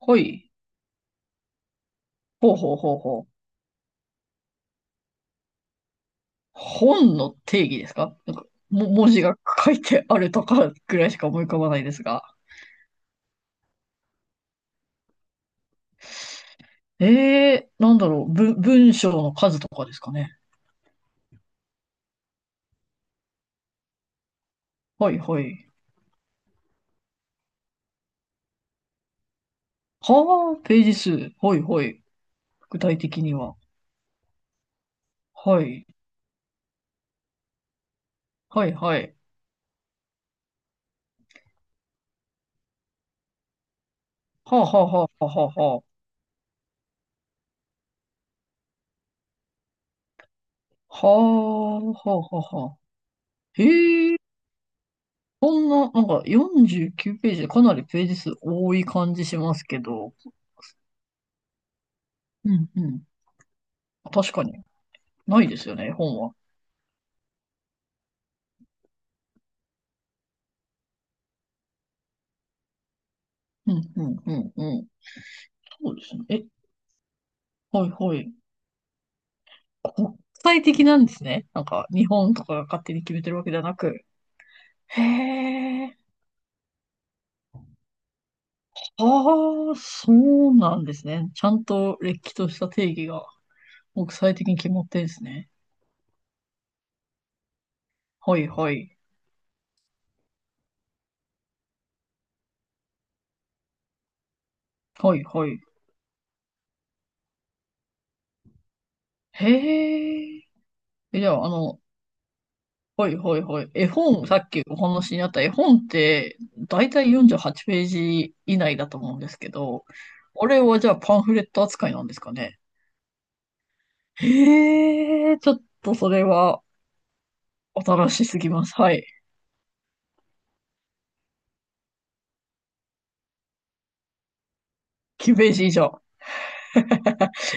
はい。ほうほうほうほう。本の定義ですか？なんか、文字が書いてあるとかぐらいしか思い浮かばないですが。ええー、なんだろう。文章の数とかですかね。はいはい。はあ、ページ数。はいはい。具体的には。はい。はいはい。はあはあはあはあはあ。はあ、はあはあはあ。へえ、そんな、なんか49ページでかなりページ数多い感じしますけど。うんうん。確かに。ないですよね、本は。うん、うん、うん、うん。そうですね。え、はいはい。国際的なんですね。なんか、日本とかが勝手に決めてるわけではなく。へえ。ああ、そうなんですね。ちゃんとれっきとした定義が国際的に決まってるんですね。はいはい。はいはい。へえ。え、じゃあ、あの、はいはいはい。絵本、さっきお話にあった絵本って、だいたい48ページ以内だと思うんですけど、あれはじゃあパンフレット扱いなんですかね？へえ、ちょっとそれは新しすぎます。はい。9ページ以上。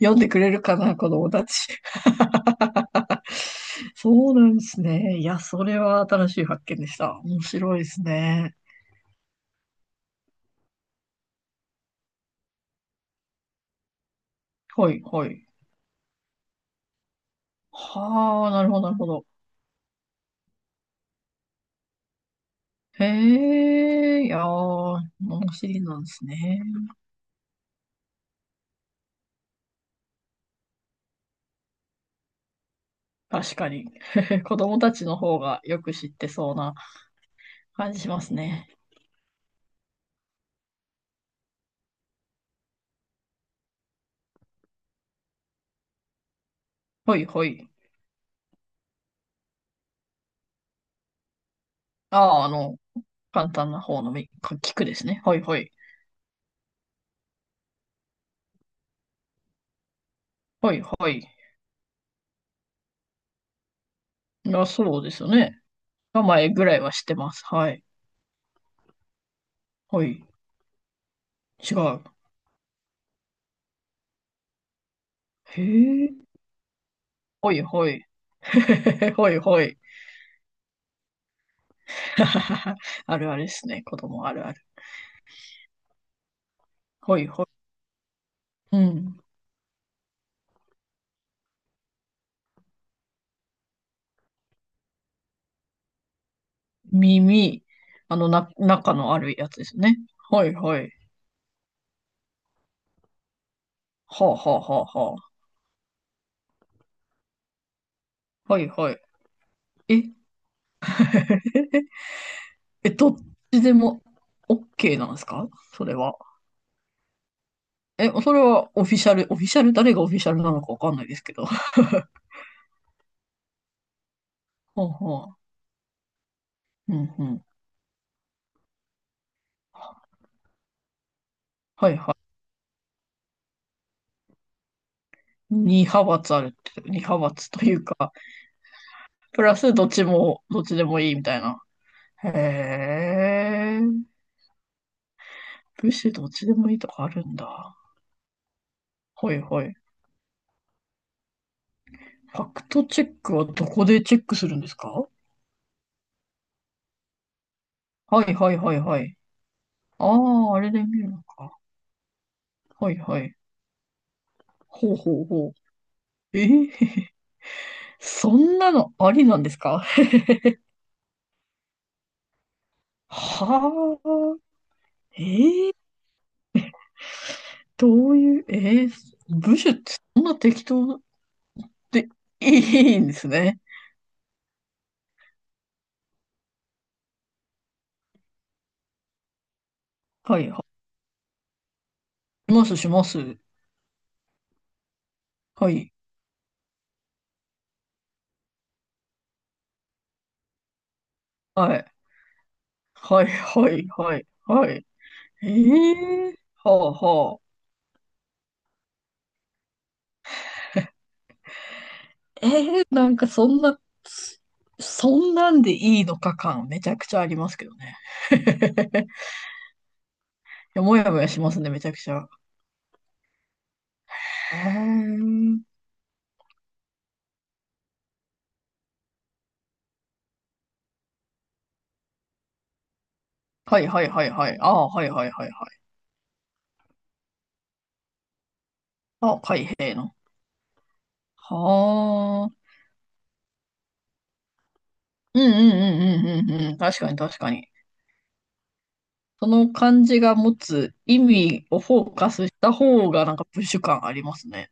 読んでくれるかな、子供たち。そうなんですね。いや、それは新しい発見でした。面白いですね。はい、はい。はあ、なるほど、なるほど。へえ、いやー、物知りなんですね。確かに。子供たちの方がよく知ってそうな感じしますね。ほいほい。ああ、あの、簡単な方の聞くですね。ほいほい。ほいほい。いや、そうですよね。名前ぐらいは知ってます。はい。はい。違う。へえ。ほいほい。ほいほい。あるあるですね。子供あるある。ほいほい。うん。耳。あの、中のあるやつですね。ほいほい。はあはあはあはあ。はいはい。え、え、どっちでも OK なんですか？それは。え、それはオフィシャル、オフィシャル、誰がオフィシャルなのかわかんないですけど。ははううんうん。はいはい。二派閥あるって、二派閥というか、プラスどっちも、どっちでもいいみたいな。へえ、武士どっちでもいいとかあるんだ。ほいほい。ファクトチェックはどこでチェックするんですか？はいはいはいはい。ああ、あれで見るのか。はいはい。ほうほうほう。えー、そんなのありなんですか？はあ、えー、どういう、えー、部首ってそんな適当でいいんですね。はいしますします。はい。はい。はい、はい、はい、はい。ええはあ、はあ。ええなんかそんな、そんなんでいいのか感めちゃくちゃありますけどね。いや、もやもやしますね、めちゃくちゃ。へーはい、はい、はい、はい。ああ、はい、はい、はい、はい。ああ、開閉の。はあ。うん、うん、うん、うん、うん、うん。確かに、確かに。その漢字が持つ意味をフォーカスした方がなんかプッシュ感ありますね。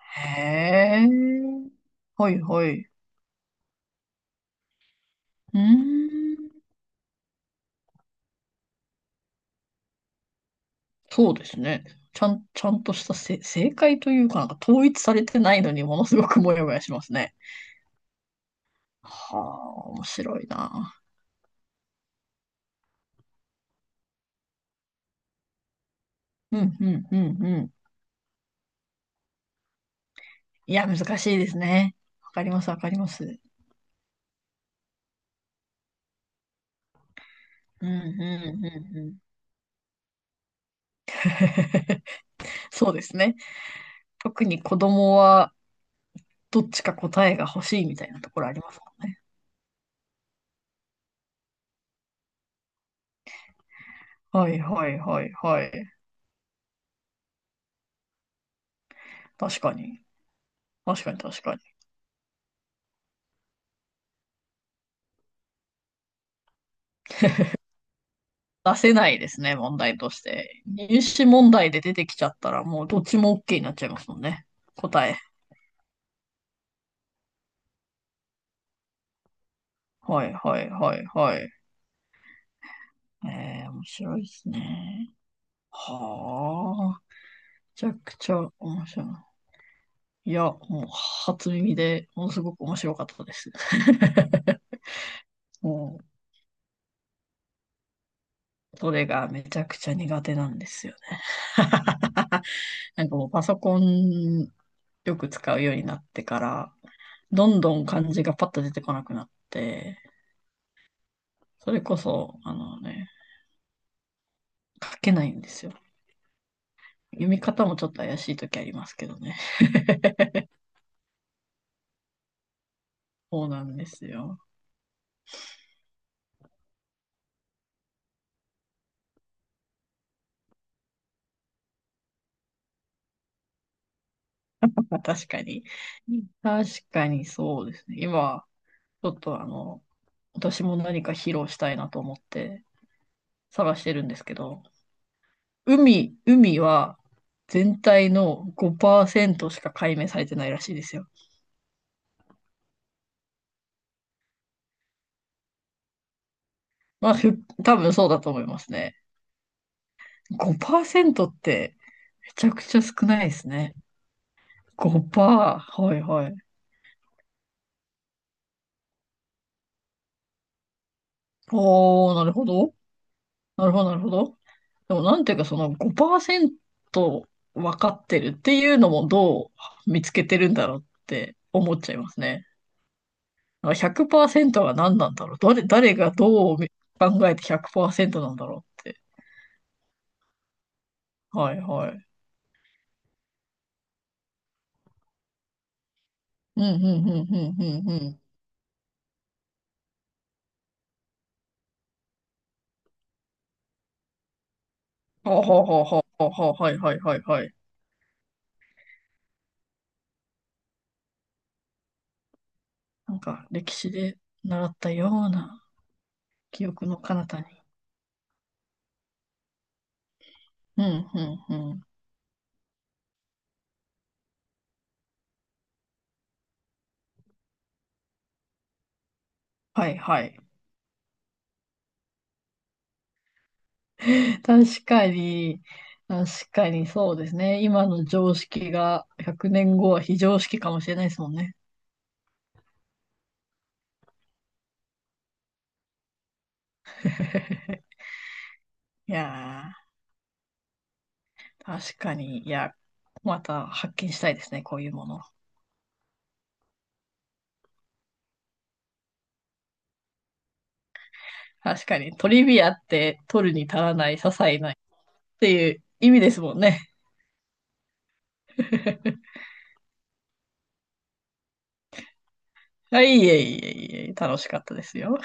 へえ。はいはい。うーん。そうですね。ちゃんとした正解というか、なんか統一されてないのにものすごくモヤモヤしますね。はあ、面白いな。うん、うん、うん、うん。いや、難しいですね。わかります、わかります。うん、うん、うん、うん。そうですね。特に子供はどっちか答えが欲しいみたいなところありますもんね。はい、はい、はい、はい。確かに。確かに、確かに。出せないですね、問題として。入試問題で出てきちゃったら、もうどっちも OK になっちゃいますもんね。答え。はいはいはいはい。えー、面白いですね。はあ、めちゃくちゃ面白い。いや、もう初耳でものすごく面白かったです。もう、それがめちゃくちゃ苦手なんですよね。なんかもうパソコンよく使うようになってから、どんどん漢字がパッと出てこなくなって、それこそ、あのね、書けないんですよ。読み方もちょっと怪しい時ありますけどね。そうなんですよ。まあ、確かに。確かにそうですね。今、ちょっとあの、私も何か披露したいなと思って探してるんですけど、海、海は全体の5%しか解明されてないらしいですよ。まあ、多分そうだと思いますね。5%ってめちゃくちゃ少ないですね。5%。はいはいおー、なるほど。なるほど、なるほど。でも、なんていうか、その5%分かってるっていうのもどう見つけてるんだろうって思っちゃいますね。だから100%が何なんだろう。誰がどう考えて100%なんだろうって。はいはい。うん、うん、うん、うん、うん、うん。はあはあはあはあはあ、はいはいはいはい。なんか、歴史で習ったような記憶の彼方に。うん、うん、うん。はいはい。確かに、確かにそうですね。今の常識が100年後は非常識かもしれないですもんね。いやー、確かに、いや、また発見したいですね、こういうもの。確かに、トリビアって取るに足らない、些細ないっていう意味ですもんね。はい、いえいえいえ、楽しかったですよ。